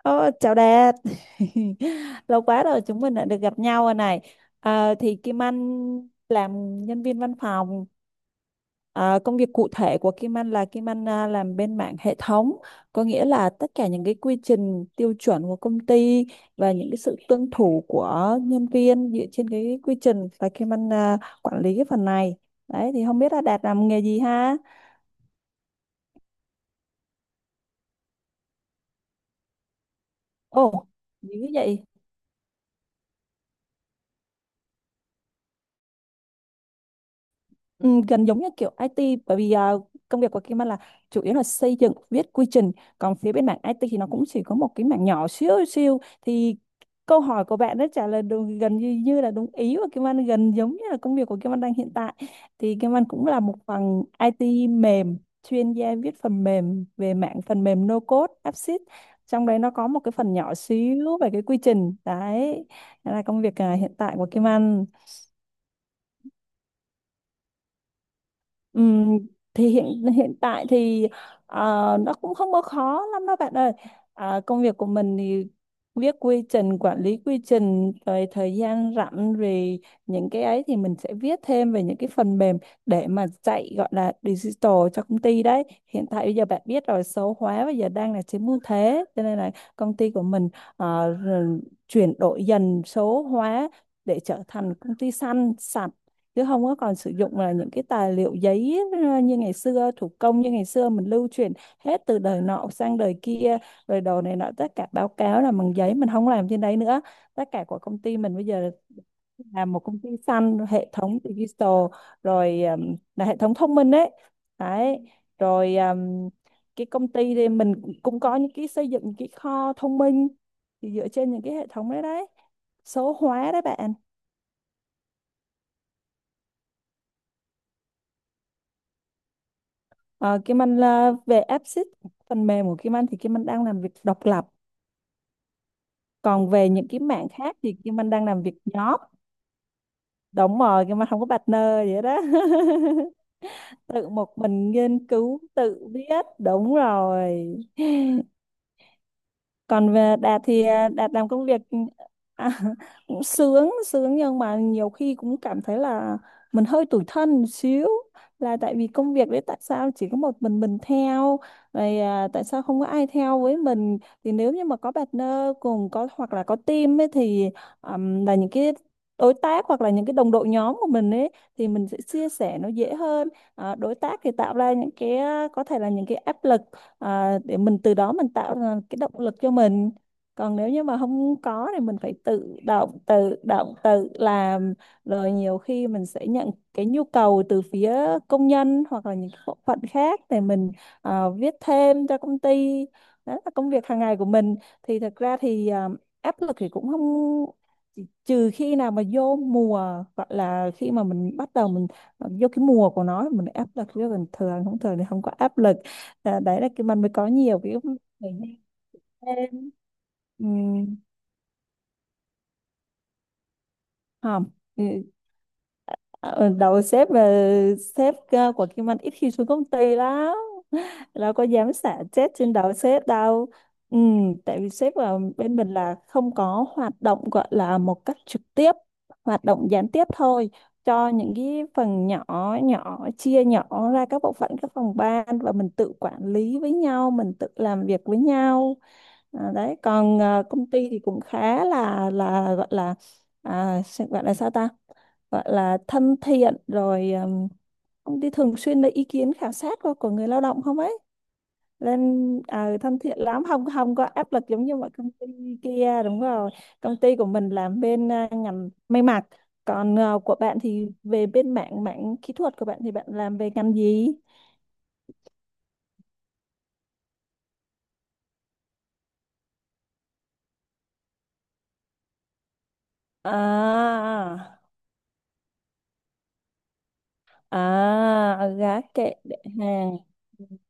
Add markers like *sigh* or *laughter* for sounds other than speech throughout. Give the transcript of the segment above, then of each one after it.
Ờ, Chào Đạt. *laughs* Lâu quá rồi chúng mình đã được gặp nhau rồi này. Thì Kim Anh làm nhân viên văn phòng. Ờ, Công việc cụ thể của Kim Anh là Kim Anh làm bên mảng hệ thống, có nghĩa là tất cả những cái quy trình tiêu chuẩn của công ty và những cái sự tuân thủ của nhân viên dựa trên cái quy trình, và Kim Anh quản lý cái phần này đấy. Thì không biết là Đạt làm nghề gì ha. Ồ, dữ vậy. Ừ, gần giống như kiểu IT, bởi vì công việc của Kim Anh là chủ yếu là xây dựng viết quy trình, còn phía bên mảng IT thì nó cũng chỉ có một cái mảng nhỏ xíu siêu. Thì câu hỏi của bạn đã trả lời đúng, gần như như là đúng ý của Kim Anh, gần giống như là công việc của Kim Anh đang hiện tại. Thì Kim Anh cũng là một phần IT mềm, chuyên gia viết phần mềm về mảng phần mềm no code app, trong đấy nó có một cái phần nhỏ xíu về cái quy trình đấy. Đó là công việc hiện tại của Kim Anh. Ừm, thì hiện hiện tại thì ờ, nó cũng không có khó lắm đâu bạn ơi. À, công việc của mình thì viết quy trình, quản lý quy trình, rồi thời gian rảnh rồi những cái ấy thì mình sẽ viết thêm về những cái phần mềm để mà chạy gọi là digital cho công ty đấy. Hiện tại bây giờ bạn biết rồi, số hóa bây giờ đang là chiếm ưu thế, cho nên là công ty của mình rồi chuyển đổi dần số hóa để trở thành công ty xanh sạch, chứ không có còn sử dụng là những cái tài liệu giấy như ngày xưa, thủ công như ngày xưa mình lưu truyền hết từ đời nọ sang đời kia, rồi đồ này nọ, tất cả báo cáo là bằng giấy mình không làm trên đấy nữa. Tất cả của công ty mình bây giờ là một công ty xanh, hệ thống digital, rồi là hệ thống thông minh đấy đấy. Rồi cái công ty thì mình cũng có những cái xây dựng những cái kho thông minh thì dựa trên những cái hệ thống đấy đấy, số hóa đấy bạn. Ờ, Kim Anh là về app, phần mềm của Kim Anh thì Kim Anh đang làm việc độc lập, còn về những cái mảng khác thì Kim Anh đang làm việc nhóm. Đúng rồi, Kim Anh không có partner vậy đó. *laughs* Tự một mình nghiên cứu tự viết, đúng rồi. Còn về Đạt thì Đạt làm công việc à, *laughs* cũng sướng sướng, nhưng mà nhiều khi cũng cảm thấy là mình hơi tủi thân một xíu, là tại vì công việc đấy tại sao chỉ có một mình theo, rồi tại sao không có ai theo với mình. Thì nếu như mà có partner cùng có, hoặc là có team ấy, thì là những cái đối tác hoặc là những cái đồng đội nhóm của mình ấy, thì mình sẽ chia sẻ nó dễ hơn. Ờ, đối tác thì tạo ra những cái có thể là những cái áp lực để mình từ đó mình tạo ra cái động lực cho mình. Còn nếu như mà không có thì mình phải tự động tự làm. Rồi nhiều khi mình sẽ nhận cái nhu cầu từ phía công nhân hoặc là những bộ phận khác để mình viết thêm cho công ty. Đó là công việc hàng ngày của mình. Thì thật ra thì áp lực thì cũng không, trừ khi nào mà vô mùa, gọi là khi mà mình bắt đầu mình vô cái mùa của nó thì mình áp lực, chứ còn thường không, thường thì không có áp lực. À, đấy là cái mình mới có nhiều cái để nhanh lên. Ừm, Không. Ừ. Ờ, đầu sếp là sếp của Kim Anh ít khi xuống công ty lắm, đâu có dám xả chết trên đầu sếp đâu. Ừ, tại vì sếp ở bên mình là không có hoạt động gọi là một cách trực tiếp, hoạt động gián tiếp thôi cho những cái phần nhỏ, nhỏ, chia nhỏ ra các bộ phận các phòng ban và mình tự quản lý với nhau, mình tự làm việc với nhau. À, đấy còn công ty thì cũng khá là gọi là sẽ gọi là sao ta, gọi là thân thiện. Rồi công ty thường xuyên lấy ý kiến khảo sát của người lao động không ấy lên. Ờ, thân thiện lắm, không không có áp lực giống như mọi công ty kia, đúng rồi. Công ty của mình làm bên ngành may mặc. Còn của bạn thì về bên mảng mảng kỹ thuật của bạn, thì bạn làm về ngành gì? À. À, gá kệ để hàng.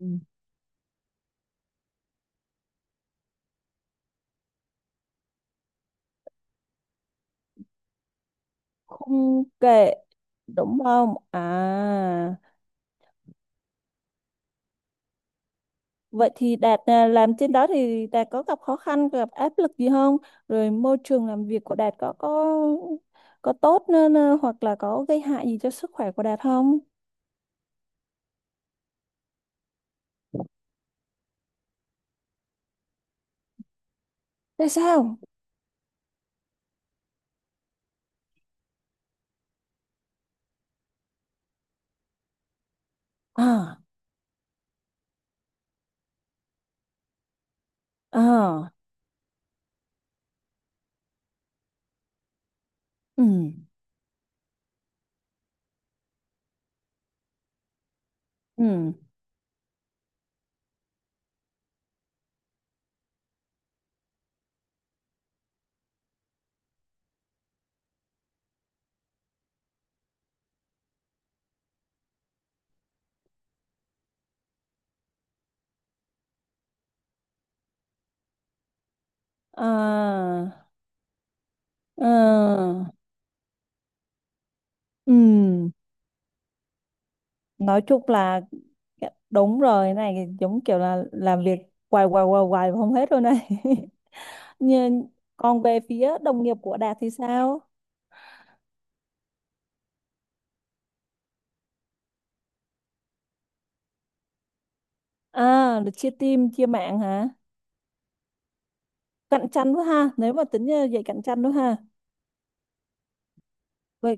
Ừ. Khung kệ, đúng không à? Vậy thì Đạt làm trên đó thì Đạt có gặp khó khăn, gặp áp lực gì không? Rồi môi trường làm việc của Đạt có tốt nên hoặc là có gây hại gì cho sức khỏe của Đạt không? Tại sao? À. À. Ừ. Ừ. À. À. Ừ. Nói chung là, dạ, đúng rồi, cái này giống kiểu là làm việc hoài hoài hoài hoài mà không hết rồi này. *laughs* Nhưng còn về phía đồng nghiệp của Đạt thì sao? À, được chia team, chia mạng hả? Cạnh tranh quá ha, nếu mà tính vậy cạnh tranh đó ha. Vậy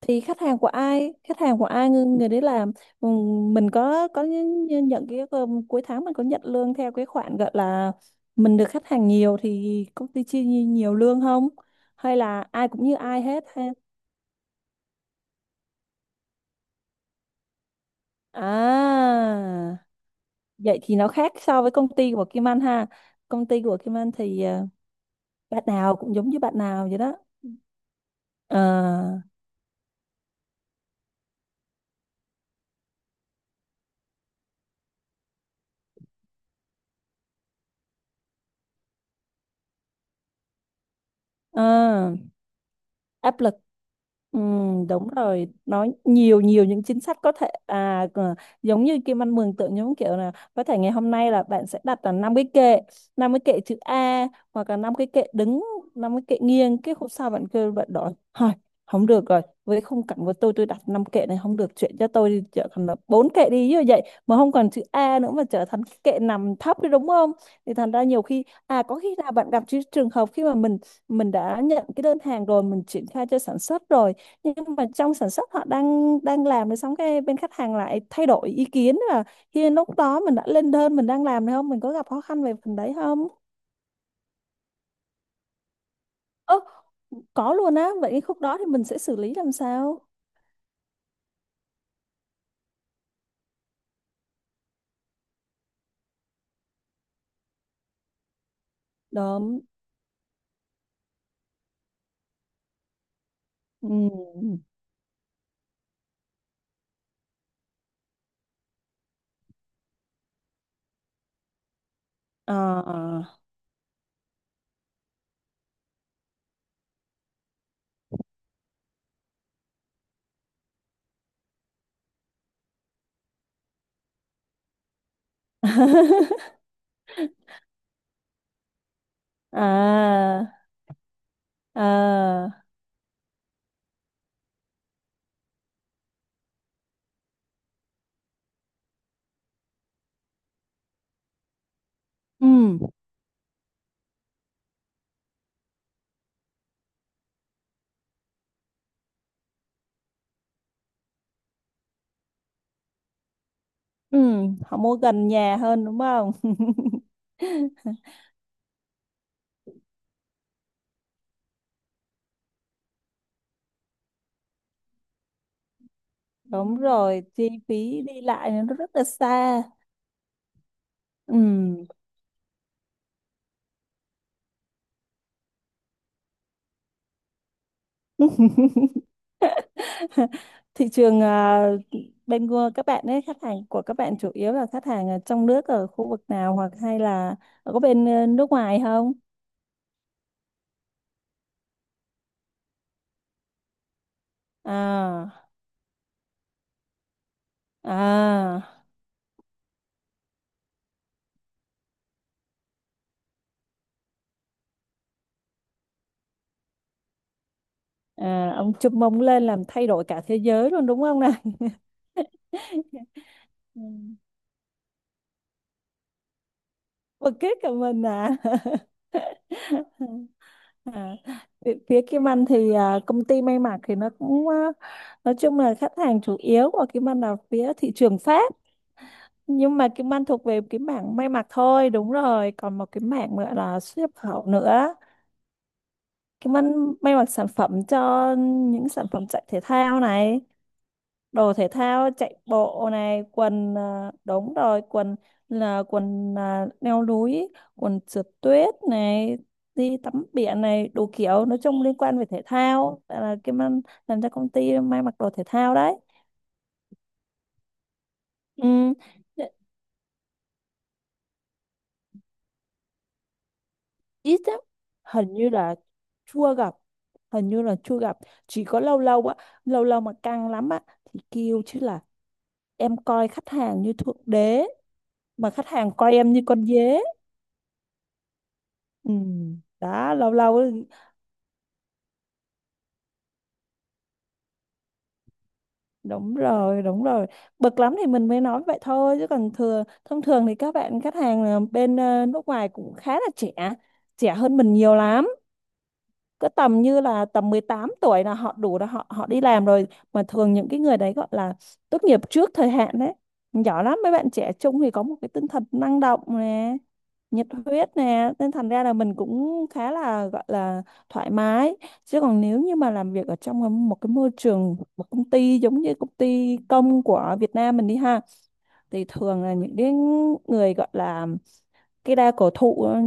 thì khách hàng của ai, khách hàng của ai người, người đấy làm. Ừ. Mình có nhận cái cuối tháng mình có nhận lương theo cái khoản gọi là mình được khách hàng nhiều thì công ty chia nhiều lương không? Hay là ai cũng như ai hết ha? À, vậy thì nó khác so với công ty của Kim Anh ha. Công ty của Kim Anh thì bạn nào cũng giống như bạn nào vậy đó. À. À. Áp lực. Đúng rồi, nó nhiều nhiều những chính sách có thể à giống như Kim Anh mường tượng giống kiểu là có thể ngày hôm nay là bạn sẽ đặt là năm cái kệ, năm cái kệ chữ A, hoặc là năm cái kệ đứng, năm cái kệ nghiêng. Cái hôm sau bạn kêu bạn đổi thôi, không được rồi, với khung cảnh của tôi đặt năm kệ này không được, chuyện cho tôi đi trở thành là bốn kệ đi như vậy, mà không còn chữ A nữa mà trở thành cái kệ nằm thấp đi, đúng không? Thì thành ra nhiều khi à có khi là bạn gặp cái trường hợp khi mà mình đã nhận cái đơn hàng rồi, mình triển khai cho sản xuất rồi, nhưng mà trong sản xuất họ đang đang làm rồi, xong cái bên khách hàng lại thay đổi ý kiến. Là hiện lúc đó mình đã lên đơn mình đang làm rồi, không, mình có gặp khó khăn về phần đấy không? Ơ, có luôn á. Vậy cái khúc đó thì mình sẽ xử lý làm sao? Đúng. Ừ. À. *laughs* À. À. Ừ. Ừ. Họ mua gần nhà hơn đúng không. *laughs* Đúng rồi, chi phí đi lại nó rất là xa. Ừ. *laughs* Thị trường bên của các bạn ấy, khách hàng của các bạn chủ yếu là khách hàng ở trong nước ở khu vực nào, hoặc hay là có bên nước ngoài không? À. À. À, ông chum mông lên làm thay đổi cả thế giới luôn đúng không này. *laughs* Ừ. Bực kết cả mình à. *laughs* À, phía phía Kim Anh thì công ty may mặc thì nó cũng nói chung là khách hàng chủ yếu của Kim Anh là phía thị trường Pháp, nhưng mà kiếm ăn thuộc về cái mảng may mặc thôi, đúng rồi, còn một cái mảng nữa là xuất nhập khẩu nữa. Kiếm ăn may mặc sản phẩm cho những sản phẩm chạy thể thao này, đồ thể thao chạy bộ này, quần đúng rồi, quần là, quần leo núi, quần trượt tuyết này, đi tắm biển này, đủ kiểu, nói chung liên quan về thể thao. Tại là kiếm ăn làm cho công ty may mặc đồ thể thao đấy. Ừ. Ít lắm, hình như là chưa gặp, hình như là chưa gặp. Chỉ có lâu lâu á, lâu lâu mà căng lắm á, thì kêu chứ là em coi khách hàng như thượng đế mà khách hàng coi em như con dế. Ừ. Đó, lâu lâu á, đúng rồi, đúng rồi, bực lắm thì mình mới nói vậy thôi, chứ còn thường thông thường thì các bạn khách hàng nước ngoài cũng khá là trẻ, trẻ hơn mình nhiều lắm. Cứ tầm như là tầm 18 tuổi là họ đủ là họ họ đi làm rồi. Mà thường những cái người đấy gọi là tốt nghiệp trước thời hạn đấy, giỏi lắm. Mấy bạn trẻ trung thì có một cái tinh thần năng động nè, nhiệt huyết nè, nên thành ra là mình cũng khá là gọi là thoải mái. Chứ còn nếu như mà làm việc ở trong một cái môi trường một công ty giống như công ty công của Việt Nam mình đi ha, thì thường là những cái người gọi là cái đa cổ thụ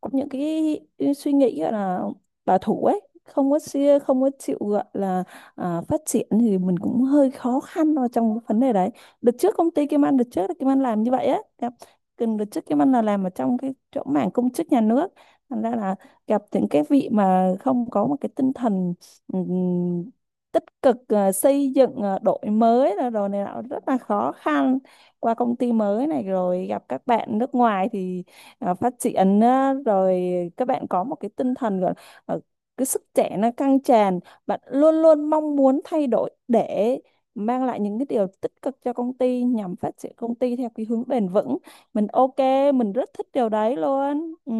có những cái suy nghĩ gọi là bảo thủ ấy, không có xia, không có chịu gọi là phát triển, thì mình cũng hơi khó khăn vào trong cái vấn đề đấy. Đợt trước công ty Kim Anh, đợt trước là Kim Anh làm như vậy á, gặp, gần đợt trước Kim Anh là làm ở trong cái chỗ mảng công chức nhà nước, thành ra là gặp những cái vị mà không có một cái tinh thần ừm, tích cực xây dựng đổi mới là đồ này nọ, rất là khó khăn. Qua công ty mới này rồi gặp các bạn nước ngoài thì phát triển á, rồi các bạn có một cái tinh thần gọi là cái sức trẻ nó căng tràn, bạn luôn luôn mong muốn thay đổi để mang lại những cái điều tích cực cho công ty nhằm phát triển công ty theo cái hướng bền vững. Mình ok, mình rất thích điều đấy luôn. Ừ,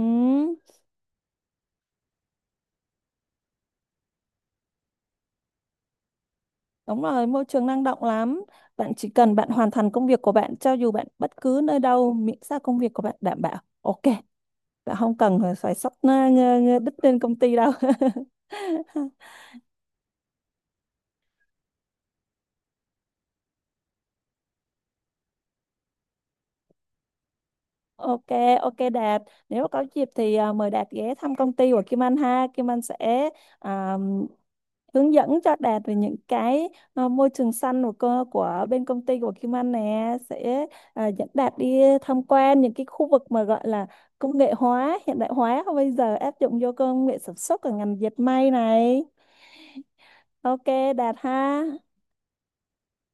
đúng rồi, môi trường năng động lắm. Bạn chỉ cần bạn hoàn thành công việc của bạn cho dù bạn bất cứ nơi đâu, miễn sao công việc của bạn đảm bảo ok. Dạ không cần phải xách nó ngơ đít lên công ty đâu. *laughs* Ok, ok Đạt. Nếu mà có dịp thì mời Đạt ghé thăm công ty của Kim Anh ha. Kim Anh sẽ à, hướng dẫn cho Đạt về những cái môi trường xanh của cơ của bên công ty của Kim Anh nè, sẽ dẫn Đạt đi tham quan những cái khu vực mà gọi là công nghệ hóa, hiện đại hóa bây giờ áp dụng vô công nghệ sản xuất ở ngành dệt may này. Ok Đạt ha.